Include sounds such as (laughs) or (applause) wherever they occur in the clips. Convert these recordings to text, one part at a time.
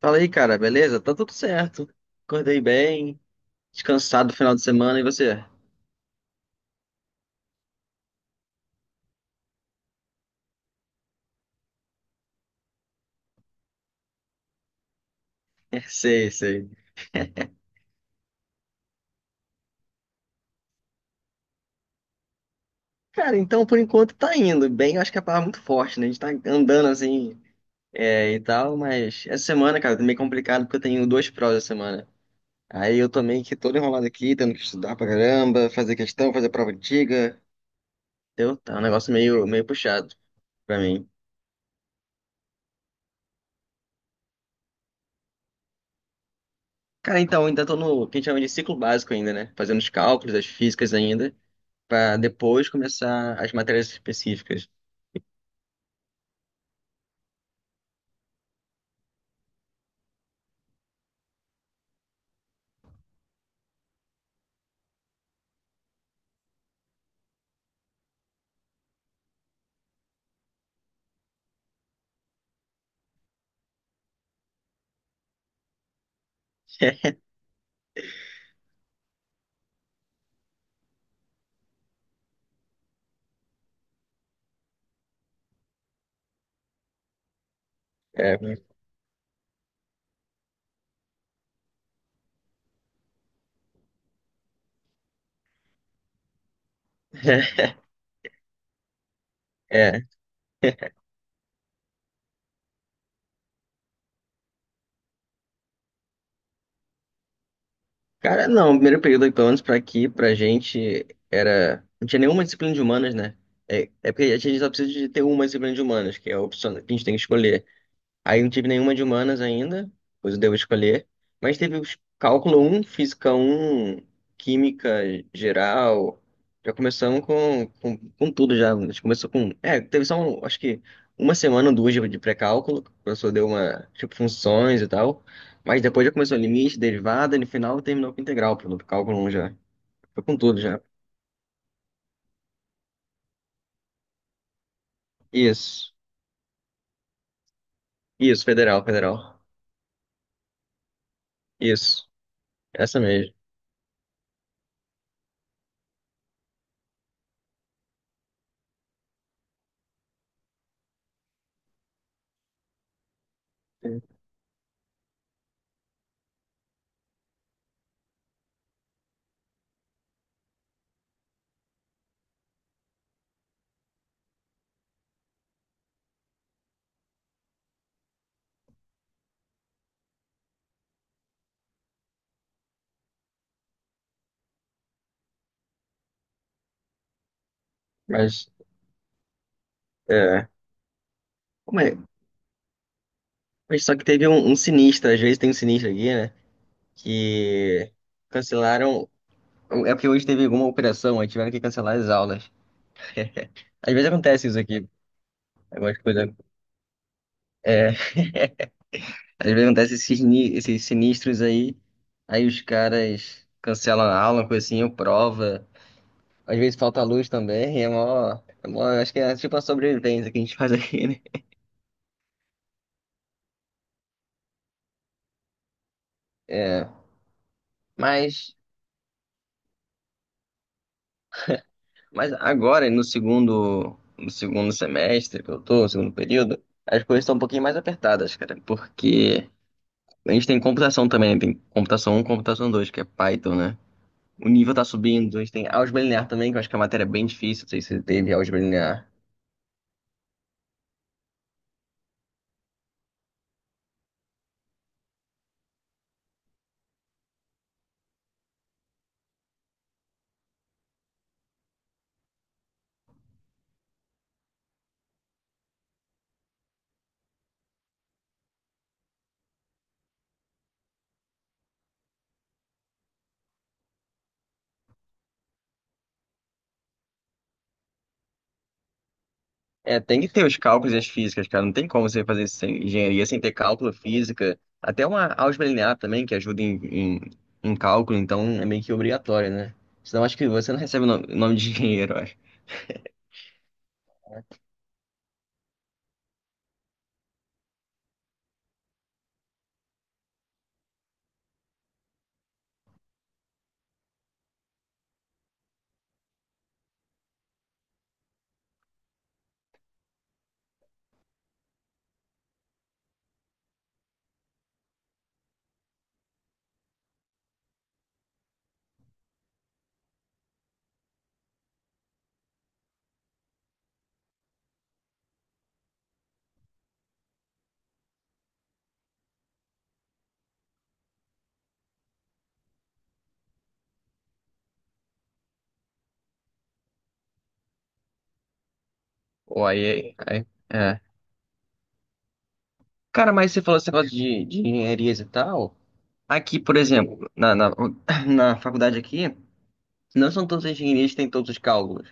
Fala aí, cara, beleza? Tá tudo certo. Acordei bem, descansado no final de semana, e você? (laughs) Sei, sei. Cara, então por enquanto tá indo bem, eu acho que é a palavra muito forte, né? A gente tá andando assim é, e tal, mas essa semana, cara, tá meio complicado porque eu tenho duas provas essa semana. Aí eu tô meio que todo enrolado aqui, tendo que estudar pra caramba, fazer questão, fazer prova antiga. Entendeu? Tá um negócio meio puxado pra mim. Cara, então, ainda tô no que a gente chama de ciclo básico ainda, né? Fazendo os cálculos, as físicas ainda, para depois começar as matérias específicas. (laughs) É, é, é. Cara, não, o primeiro período, pelo menos pra aqui, pra gente, era. Não tinha nenhuma disciplina de humanas, né? É, é porque a gente só precisa de ter uma disciplina de humanas, que é a opção que a gente tem que escolher. Aí não tive nenhuma de humanas ainda, pois eu devo escolher. Mas teve os cálculo um, física um, química geral. Já começamos com tudo já. A gente começou com. É, teve só, acho que uma semana ou duas de pré-cálculo, que o professor deu uma, tipo, funções e tal. Mas depois já começou limite, derivada, e no final terminou com integral, pelo cálculo um já. Foi com tudo já. Isso. Isso, federal, federal. Isso. Essa mesmo. Mas, é como é. Mas só que teve um sinistro, às vezes tem um sinistro aqui, né? Que cancelaram. É porque hoje teve alguma operação, aí tiveram que cancelar as aulas. Às vezes acontece isso aqui, algumas coisas. É, às vezes acontece esses sinistros aí, aí os caras cancelam a aula, uma coisa assim, ou prova. Às vezes falta luz também, é mó, é mó. Acho que é tipo a sobrevivência que a gente faz aqui, né? É. Mas. Mas agora, no segundo semestre que eu tô, no segundo período, as coisas estão um pouquinho mais apertadas, cara, porque a gente tem computação também, tem computação um computação 2 que é Python, né? O nível tá subindo, a gente tem álgebra linear também, que eu acho que é uma matéria é bem difícil, não sei se você teve álgebra linear. É, tem que ter os cálculos e as físicas, cara, não tem como você fazer engenharia sem ter cálculo, física, até uma álgebra linear também, que ajuda em cálculo, então é meio que obrigatório, né? Senão acho que você não recebe o nome de engenheiro. Pô, aí, aí, é. Cara, mas você falou esse negócio de engenharias e tal. Aqui, por exemplo, (clears throat) na faculdade aqui, não são todas as engenharias que têm todos os cálculos.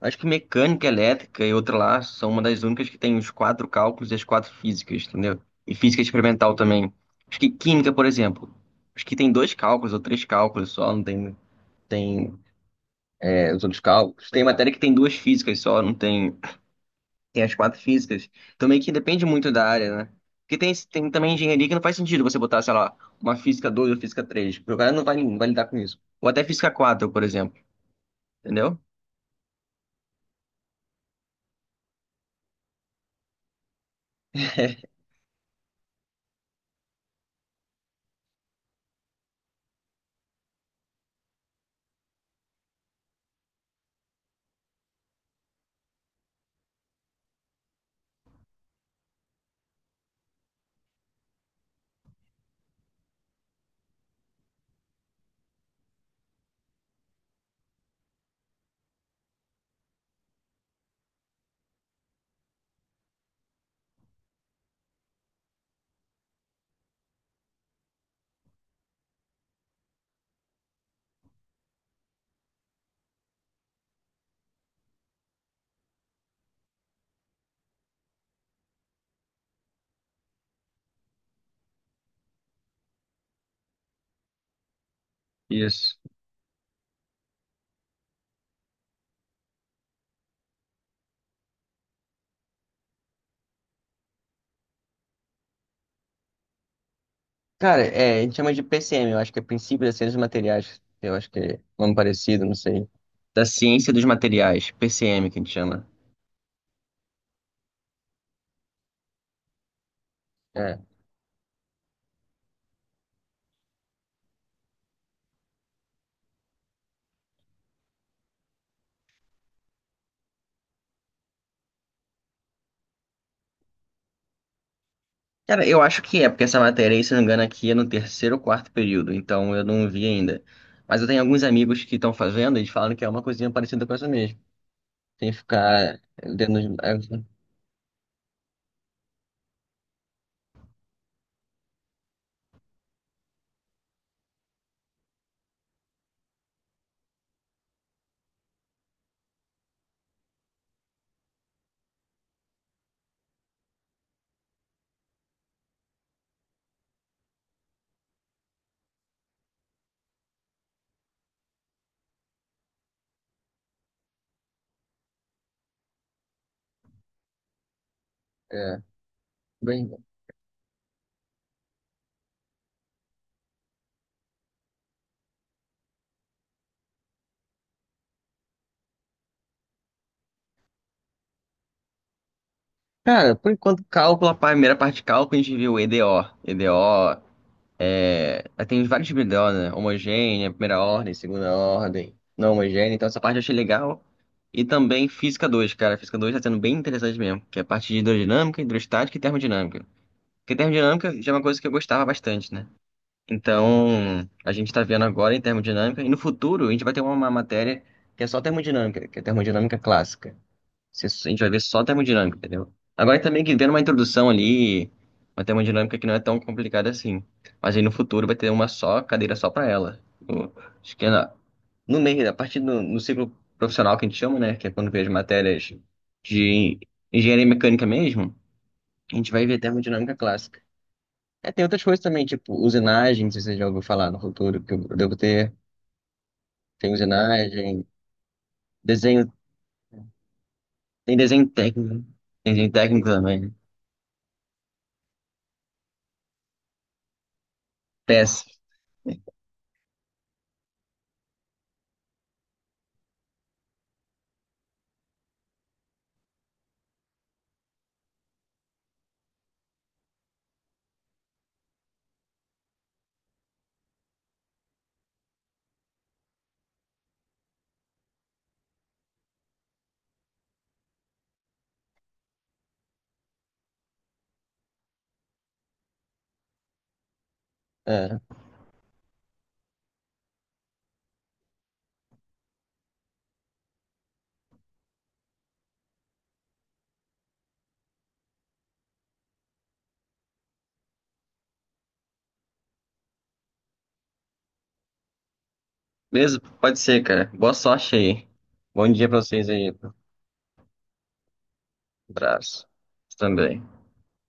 Acho que mecânica, elétrica e outra lá são uma das únicas que tem os quatro cálculos e as quatro físicas, entendeu? E física experimental também. Acho que química, por exemplo, acho que tem dois cálculos ou três cálculos só, não tem, tem é, os outros cálculos. Tem matéria que tem duas físicas só, não tem. Tem as quatro físicas. Então meio que depende muito da área, né? Porque tem também engenharia que não faz sentido você botar, sei lá, uma física 2 ou física três. O cara não vai lidar com isso. Ou até física quatro, por exemplo. Entendeu? Isso. Cara, é, a gente chama de PCM, eu acho que é Princípio da Ciência dos Materiais. Eu acho que é nome parecido, não sei. Da Ciência dos Materiais, PCM que a gente chama. É. Cara, eu acho que é, porque essa matéria aí, se eu não me engano, aqui é no terceiro ou quarto período, então eu não vi ainda. Mas eu tenho alguns amigos que estão fazendo e eles falam que é uma coisinha parecida com essa mesmo. Sem ficar dando. É, é, bem. Cara, por enquanto, cálculo, a primeira parte de cálculo, a gente viu EDO. EDO, é, aí tem vários tipos de EDO, né? Homogênea, primeira ordem, segunda ordem, não homogênea. Então, essa parte eu achei legal. E também Física dois, cara. Física 2 tá sendo bem interessante mesmo, que é a parte de hidrodinâmica, hidrostática e termodinâmica. Porque termodinâmica já é uma coisa que eu gostava bastante, né? Então, a gente tá vendo agora em termodinâmica, e no futuro a gente vai ter uma matéria que é só termodinâmica, que é termodinâmica clássica. A gente vai ver só termodinâmica, entendeu? Agora é também que vendo uma introdução ali, uma termodinâmica que não é tão complicada assim. Mas aí no futuro vai ter uma só cadeira só para ela. Acho que é no meio, a partir do no ciclo profissional que a gente chama, né? Que é quando vê as matérias de engenharia mecânica mesmo, a gente vai ver termodinâmica clássica. É, tem outras coisas também, tipo usinagem, não sei se você já ouviu falar no futuro, que eu devo ter. Tem usinagem, desenho, tem desenho técnico. Tem desenho técnico também. Péssimo. Beleza? Pode ser, cara. Boa sorte aí. Bom dia pra vocês aí. Abraço. Também.